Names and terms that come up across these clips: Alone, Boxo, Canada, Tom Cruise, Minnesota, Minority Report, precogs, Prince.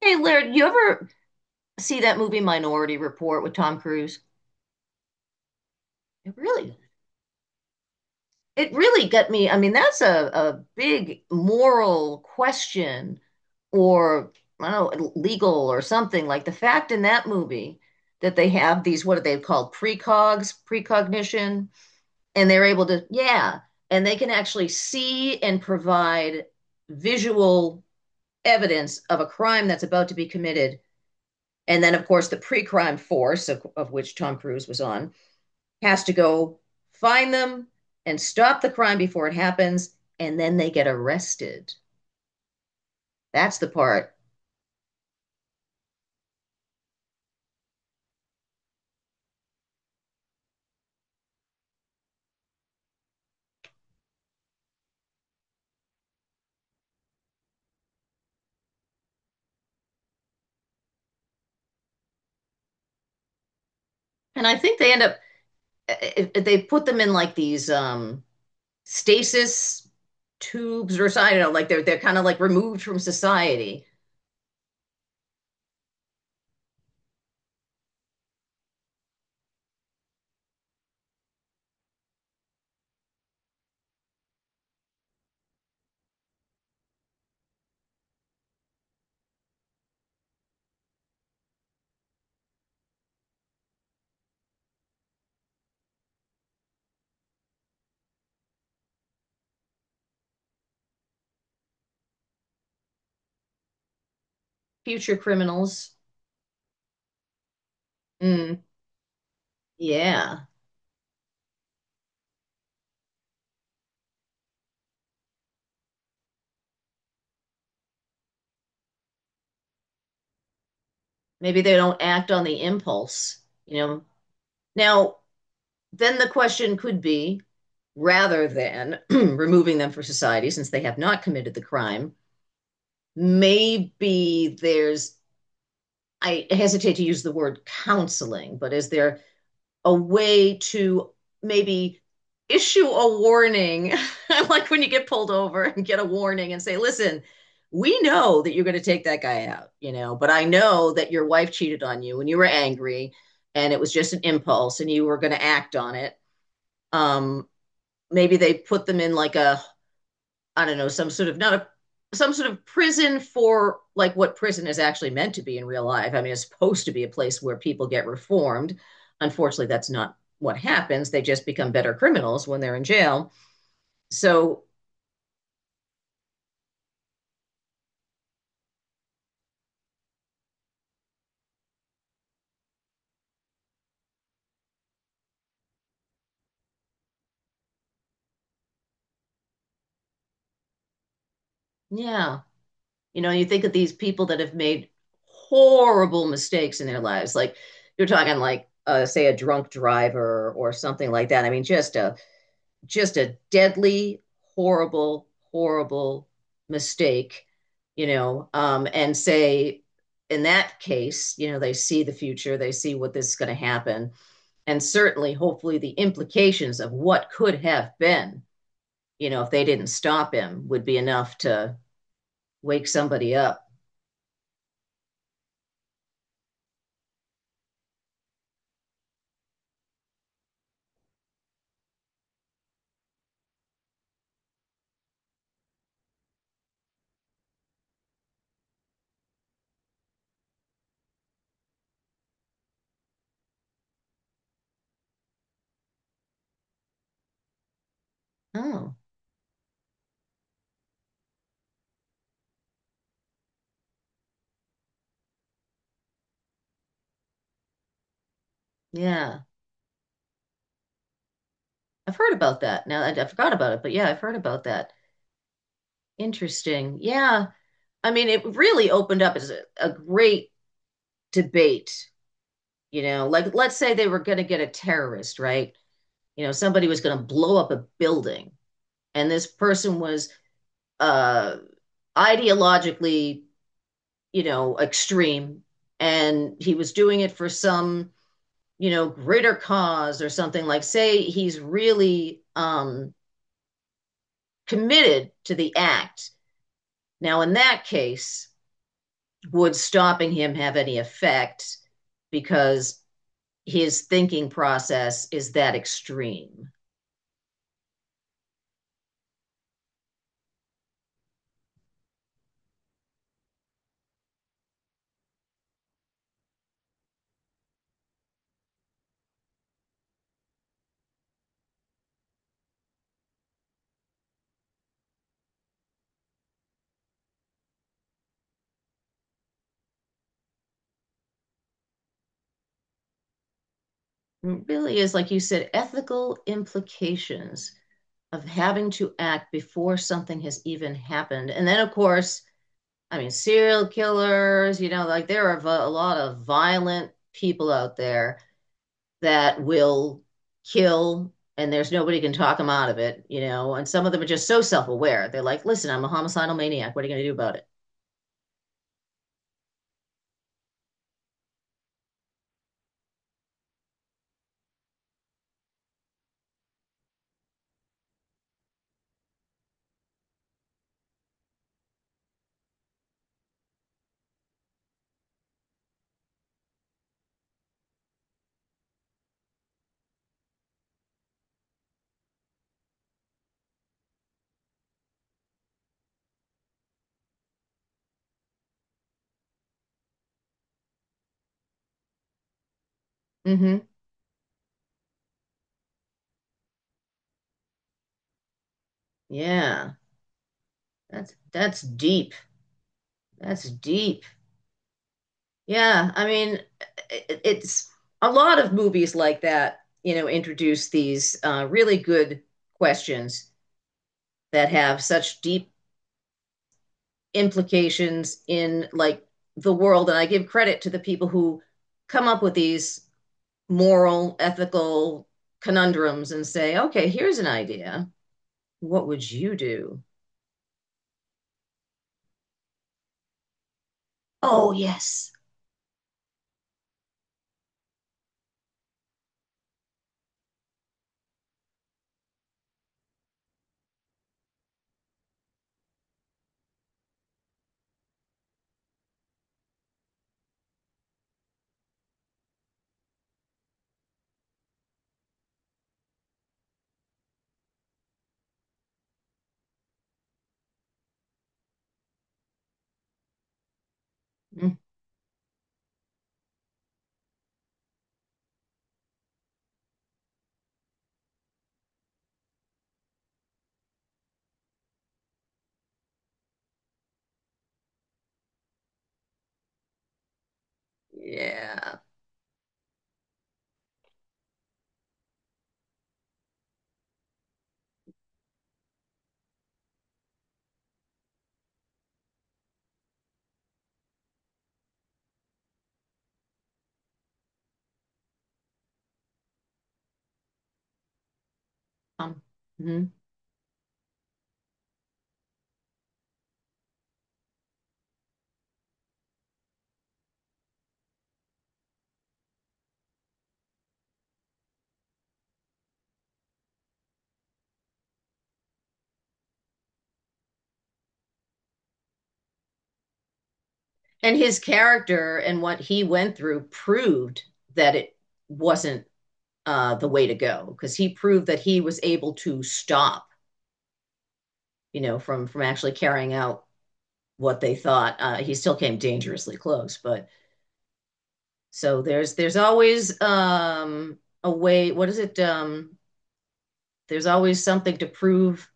Hey, Laird, you ever see that movie Minority Report with Tom Cruise? It really, it really got me. I mean, that's a big moral question or I don't know, legal or something. Like the fact in that movie that they have these, what are they called, precogs, precognition, and they're able to, yeah, and they can actually see and provide visual evidence of a crime that's about to be committed. And then, of course, the pre crime force, of which Tom Cruise was on, has to go find them and stop the crime before it happens. And then they get arrested. That's the part. And I think they end up, eh, they put them in like these stasis tubes or something. I don't know, like they're kind of like removed from society. Future criminals. Mm, yeah. Maybe they don't act on the impulse, you know. Now, then the question could be rather than removing them from society since they have not committed the crime. Maybe there's, I hesitate to use the word counseling, but is there a way to maybe issue a warning? Like when you get pulled over and get a warning and say, listen, we know that you're going to take that guy out, you know, but I know that your wife cheated on you and you were angry and it was just an impulse and you were going to act on it. Um, Maybe they put them in like a I don't know, some sort of not a some sort of prison for like what prison is actually meant to be in real life. I mean, it's supposed to be a place where people get reformed. Unfortunately, that's not what happens. They just become better criminals when they're in jail. So, yeah, you know, you think of these people that have made horrible mistakes in their lives. Like you're talking like say a drunk driver or something like that. I mean, just a deadly, horrible, horrible mistake, you know, and say, in that case, you know, they see the future, they see what this is going to happen, and certainly, hopefully, the implications of what could have been, you know, if they didn't stop him, would be enough to wake somebody up. Oh, yeah, I've heard about that. Now I forgot about it, but yeah, I've heard about that. Interesting. Yeah, I mean, it really opened up as a great debate. You know, like let's say they were going to get a terrorist, right? You know, somebody was going to blow up a building, and this person was uh, ideologically, you know, extreme, and he was doing it for some, you know, greater cause or something. Like, say he's really committed to the act. Now, in that case, would stopping him have any effect because his thinking process is that extreme? Really is, like you said, ethical implications of having to act before something has even happened. And then, of course, I mean, serial killers, you know, like there are a lot of violent people out there that will kill and there's nobody can talk them out of it, you know, and some of them are just so self-aware. They're like, listen, I'm a homicidal maniac. What are you going to do about it? Mm-hmm. Yeah. That's deep. That's deep. Yeah, I mean, it's a lot of movies like that, you know, introduce these really good questions that have such deep implications in like the world. And I give credit to the people who come up with these moral, ethical conundrums and say, okay, here's an idea. What would you do? Oh, yes. Mm, yeah. Um, mhm. And his character and what he went through proved that it wasn't the way to go because he proved that he was able to stop, you know, from actually carrying out what they thought. He still came dangerously close, but so there's always a way. What is it? There's always something to prove.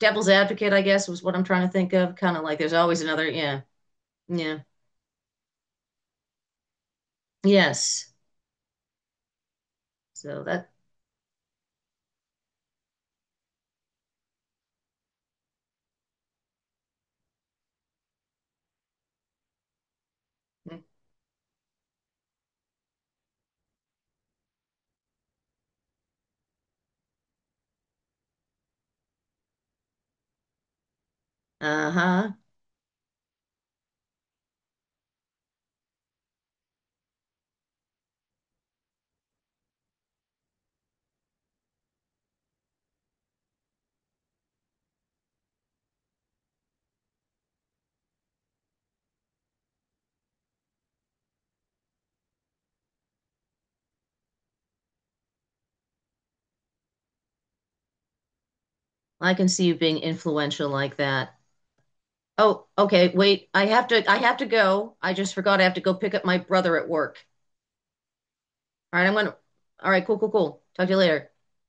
Devil's advocate, I guess, was what I'm trying to think of. Kind of like there's always another. Yeah, yeah, yes. So that. Uh huh. I can see you being influential like that. Oh, okay, wait. I have to go. I just forgot I have to go pick up my brother at work. All right, I'm gonna. All right, cool, cool, cool. Talk to you later.